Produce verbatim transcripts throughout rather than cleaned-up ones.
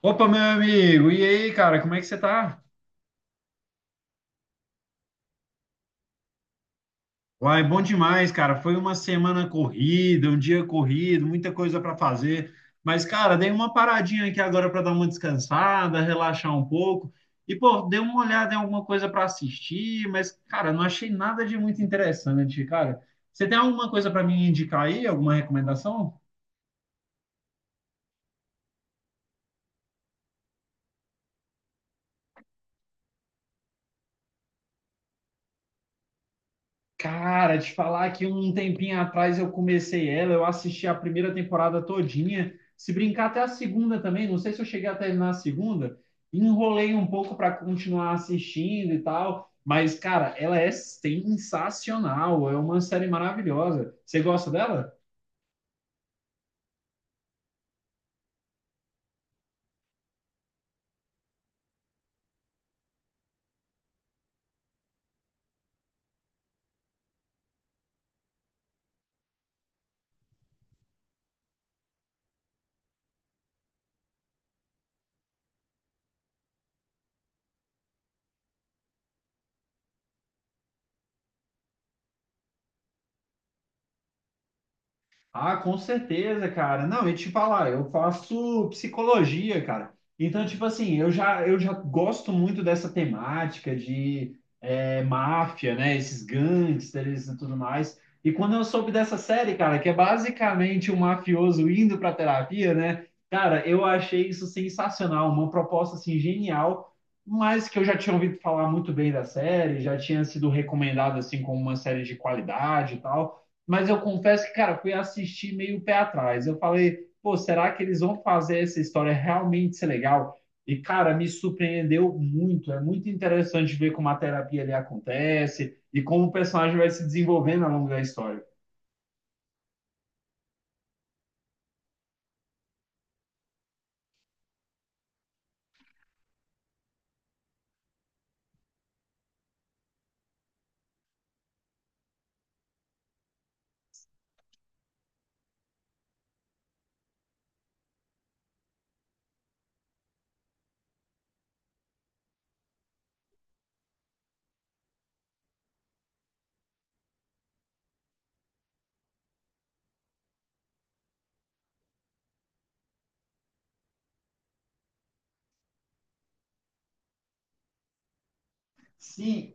Opa, meu amigo! E aí, cara, como é que você tá? Uai, bom demais, cara. Foi uma semana corrida, um dia corrido, muita coisa para fazer. Mas, cara, dei uma paradinha aqui agora para dar uma descansada, relaxar um pouco. E, pô, dei uma olhada em alguma coisa para assistir, mas, cara, não achei nada de muito interessante, cara. Você tem alguma coisa para me indicar aí? Alguma recomendação? Cara, te falar que um tempinho atrás eu comecei ela, eu assisti a primeira temporada todinha, se brincar até a segunda também, não sei se eu cheguei a terminar a segunda, enrolei um pouco para continuar assistindo e tal, mas cara, ela é sensacional, é uma série maravilhosa. Você gosta dela? Ah, com certeza, cara. Não, e te falar, eu faço psicologia, cara. Então, tipo assim, eu já, eu já gosto muito dessa temática de é, máfia, né? Esses gangsters e tudo mais. E quando eu soube dessa série, cara, que é basicamente um mafioso indo pra terapia, né? Cara, eu achei isso sensacional, uma proposta assim genial, mas que eu já tinha ouvido falar muito bem da série, já tinha sido recomendado assim como uma série de qualidade e tal. Mas eu confesso que, cara, fui assistir meio pé atrás. Eu falei, pô, será que eles vão fazer essa história realmente ser legal? E, cara, me surpreendeu muito. É muito interessante ver como a terapia ali acontece e como o personagem vai se desenvolvendo ao longo da história. Sim,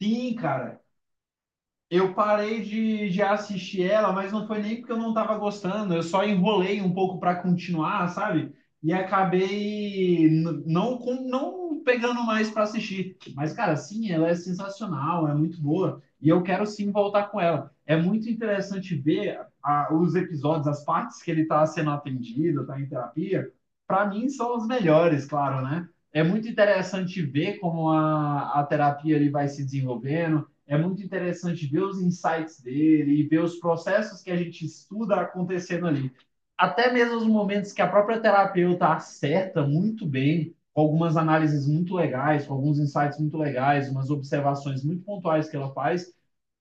sim, cara. Eu parei de, de assistir ela, mas não foi nem porque eu não estava gostando, eu só enrolei um pouco para continuar, sabe? E acabei n- não, com- não pegando mais para assistir. Mas, cara, sim, ela é sensacional, é muito boa, e eu quero sim voltar com ela. É muito interessante ver a- os episódios, as partes que ele está sendo atendido, está em terapia. Para mim, são os melhores, claro, né? É muito interessante ver como a, a terapia ele vai se desenvolvendo é muito interessante ver os insights dele e ver os processos que a gente estuda acontecendo ali. Até mesmo os momentos que a própria terapeuta acerta muito bem, com algumas análises muito legais, com alguns insights muito legais, umas observações muito pontuais que ela faz,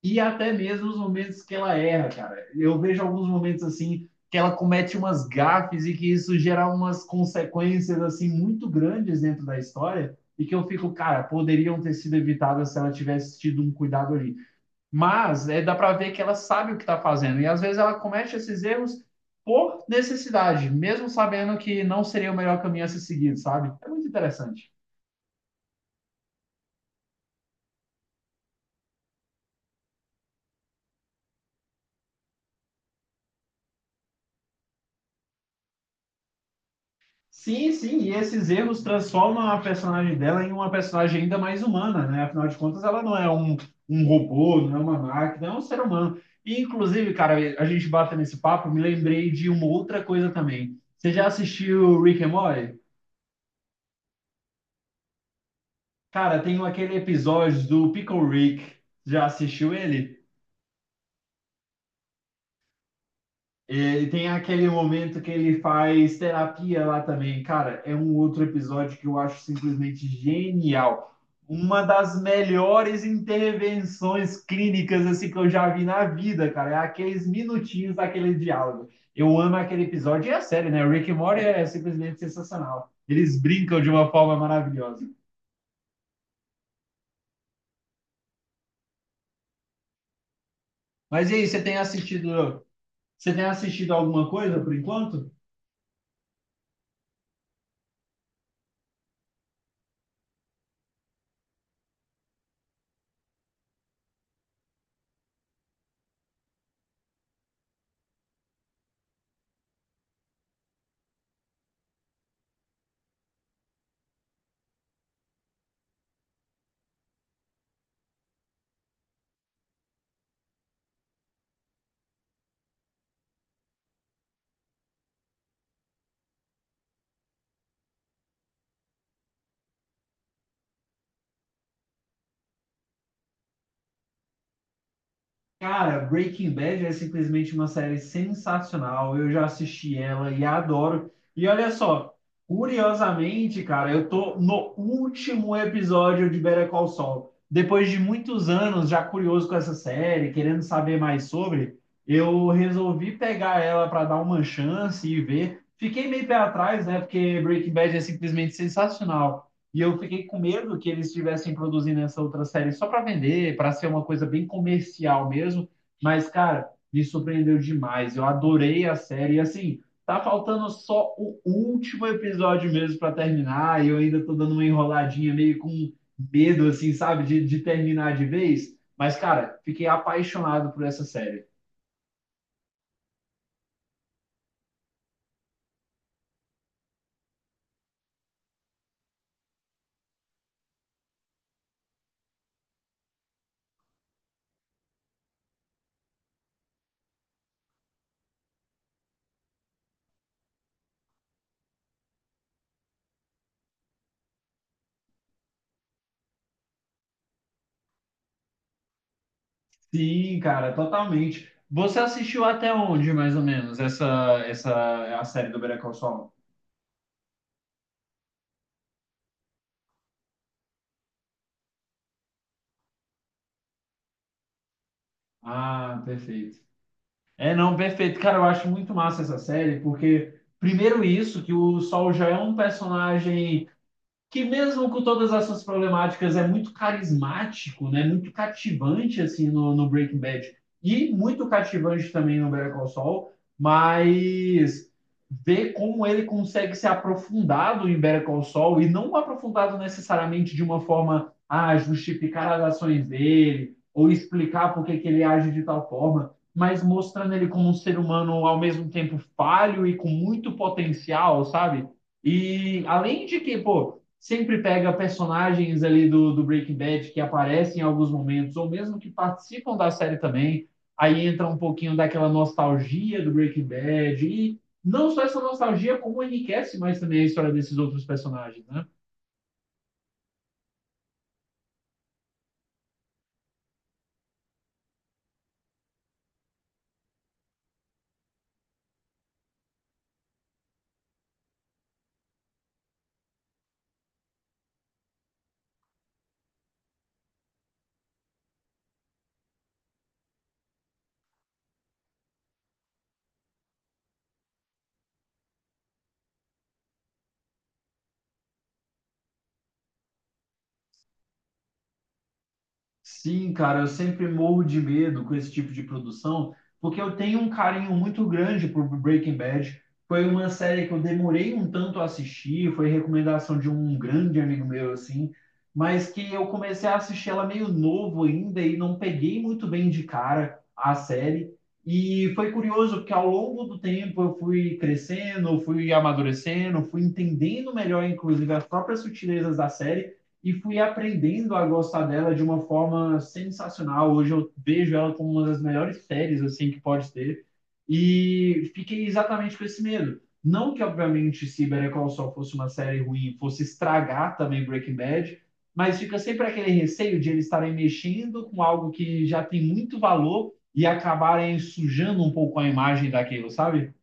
e até mesmo os momentos que ela erra, cara. Eu vejo alguns momentos assim que ela comete umas gafes e que isso gera umas consequências assim muito grandes dentro da história e que eu fico, cara, poderiam ter sido evitadas se ela tivesse tido um cuidado ali. Mas é, dá para ver que ela sabe o que está fazendo e às vezes ela comete esses erros por necessidade, mesmo sabendo que não seria o melhor caminho a ser seguido, sabe? É muito interessante. Sim, sim, e esses erros transformam a personagem dela em uma personagem ainda mais humana, né? Afinal de contas, ela não é um, um robô, não é uma máquina, é um ser humano. E, inclusive, cara, a gente bate nesse papo, me lembrei de uma outra coisa também. Você já assistiu Rick and Morty? Cara, tem aquele episódio do Pickle Rick. Já assistiu ele? É, E tem aquele momento que ele faz terapia lá também. Cara, é um outro episódio que eu acho simplesmente genial. Uma das melhores intervenções clínicas assim que eu já vi na vida, cara. É aqueles minutinhos daquele diálogo. Eu amo aquele episódio e a série, né? Rick and Morty é simplesmente sensacional. Eles brincam de uma forma maravilhosa. Mas e aí, você tem assistido, você tem assistido alguma coisa por enquanto? Cara, Breaking Bad é simplesmente uma série sensacional. Eu já assisti ela e adoro. E olha só, curiosamente, cara, eu tô no último episódio de Better Call Saul. Depois de muitos anos já curioso com essa série, querendo saber mais sobre, eu resolvi pegar ela para dar uma chance e ver. Fiquei meio pé atrás, né? Porque Breaking Bad é simplesmente sensacional. E eu fiquei com medo que eles estivessem produzindo essa outra série só para vender, para ser uma coisa bem comercial mesmo. Mas, cara, me surpreendeu demais. Eu adorei a série. E, assim, tá faltando só o último episódio mesmo para terminar. E eu ainda tô dando uma enroladinha meio com medo, assim, sabe, de, de terminar de vez. Mas, cara, fiquei apaixonado por essa série. Sim, cara, totalmente. Você assistiu até onde, mais ou menos, essa, essa a série do Better Call Saul? Ah, perfeito. É, não, perfeito. Cara, eu acho muito massa essa série, porque, primeiro, isso, que o Sol já é um personagem que mesmo com todas as suas problemáticas é muito carismático, né? Muito cativante assim no, no Breaking Bad e muito cativante também no Better Call Saul, mas ver como ele consegue ser aprofundado em Better Call Saul e não aprofundado necessariamente de uma forma a ah, justificar as ações dele ou explicar por que, que ele age de tal forma, mas mostrando ele como um ser humano ao mesmo tempo falho e com muito potencial, sabe? E além de que, pô, sempre pega personagens ali do, do Breaking Bad que aparecem em alguns momentos, ou mesmo que participam da série também. Aí entra um pouquinho daquela nostalgia do Breaking Bad. E não só essa nostalgia, como enriquece mais também a história desses outros personagens, né? Sim, cara, eu sempre morro de medo com esse tipo de produção, porque eu tenho um carinho muito grande por Breaking Bad. Foi uma série que eu demorei um tanto a assistir, foi recomendação de um grande amigo meu, assim, mas que eu comecei a assistir ela meio novo ainda e não peguei muito bem de cara a série. E foi curioso, porque ao longo do tempo eu fui crescendo, fui amadurecendo, fui entendendo melhor, inclusive, as próprias sutilezas da série e fui aprendendo a gostar dela de uma forma sensacional. Hoje eu vejo ela como uma das melhores séries assim que pode ter e fiquei exatamente com esse medo. Não que obviamente se Better Call Saul fosse uma série ruim, fosse estragar também Breaking Bad, mas fica sempre aquele receio de eles estarem mexendo com algo que já tem muito valor e acabarem sujando um pouco a imagem daquilo, sabe?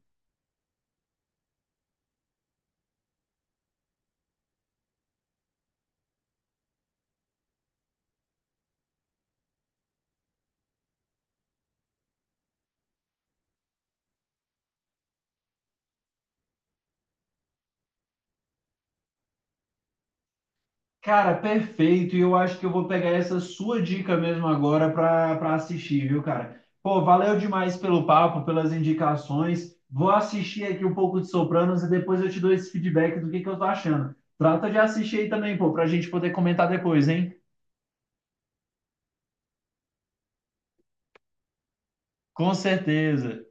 Cara, perfeito. E eu acho que eu vou pegar essa sua dica mesmo agora para para assistir, viu, cara? Pô, valeu demais pelo papo, pelas indicações. Vou assistir aqui um pouco de Sopranos e depois eu te dou esse feedback do que que eu tô achando. Trata de assistir aí também, pô, pra gente poder comentar depois, hein? Com certeza.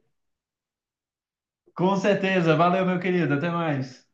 Com certeza. Valeu, meu querido. Até mais.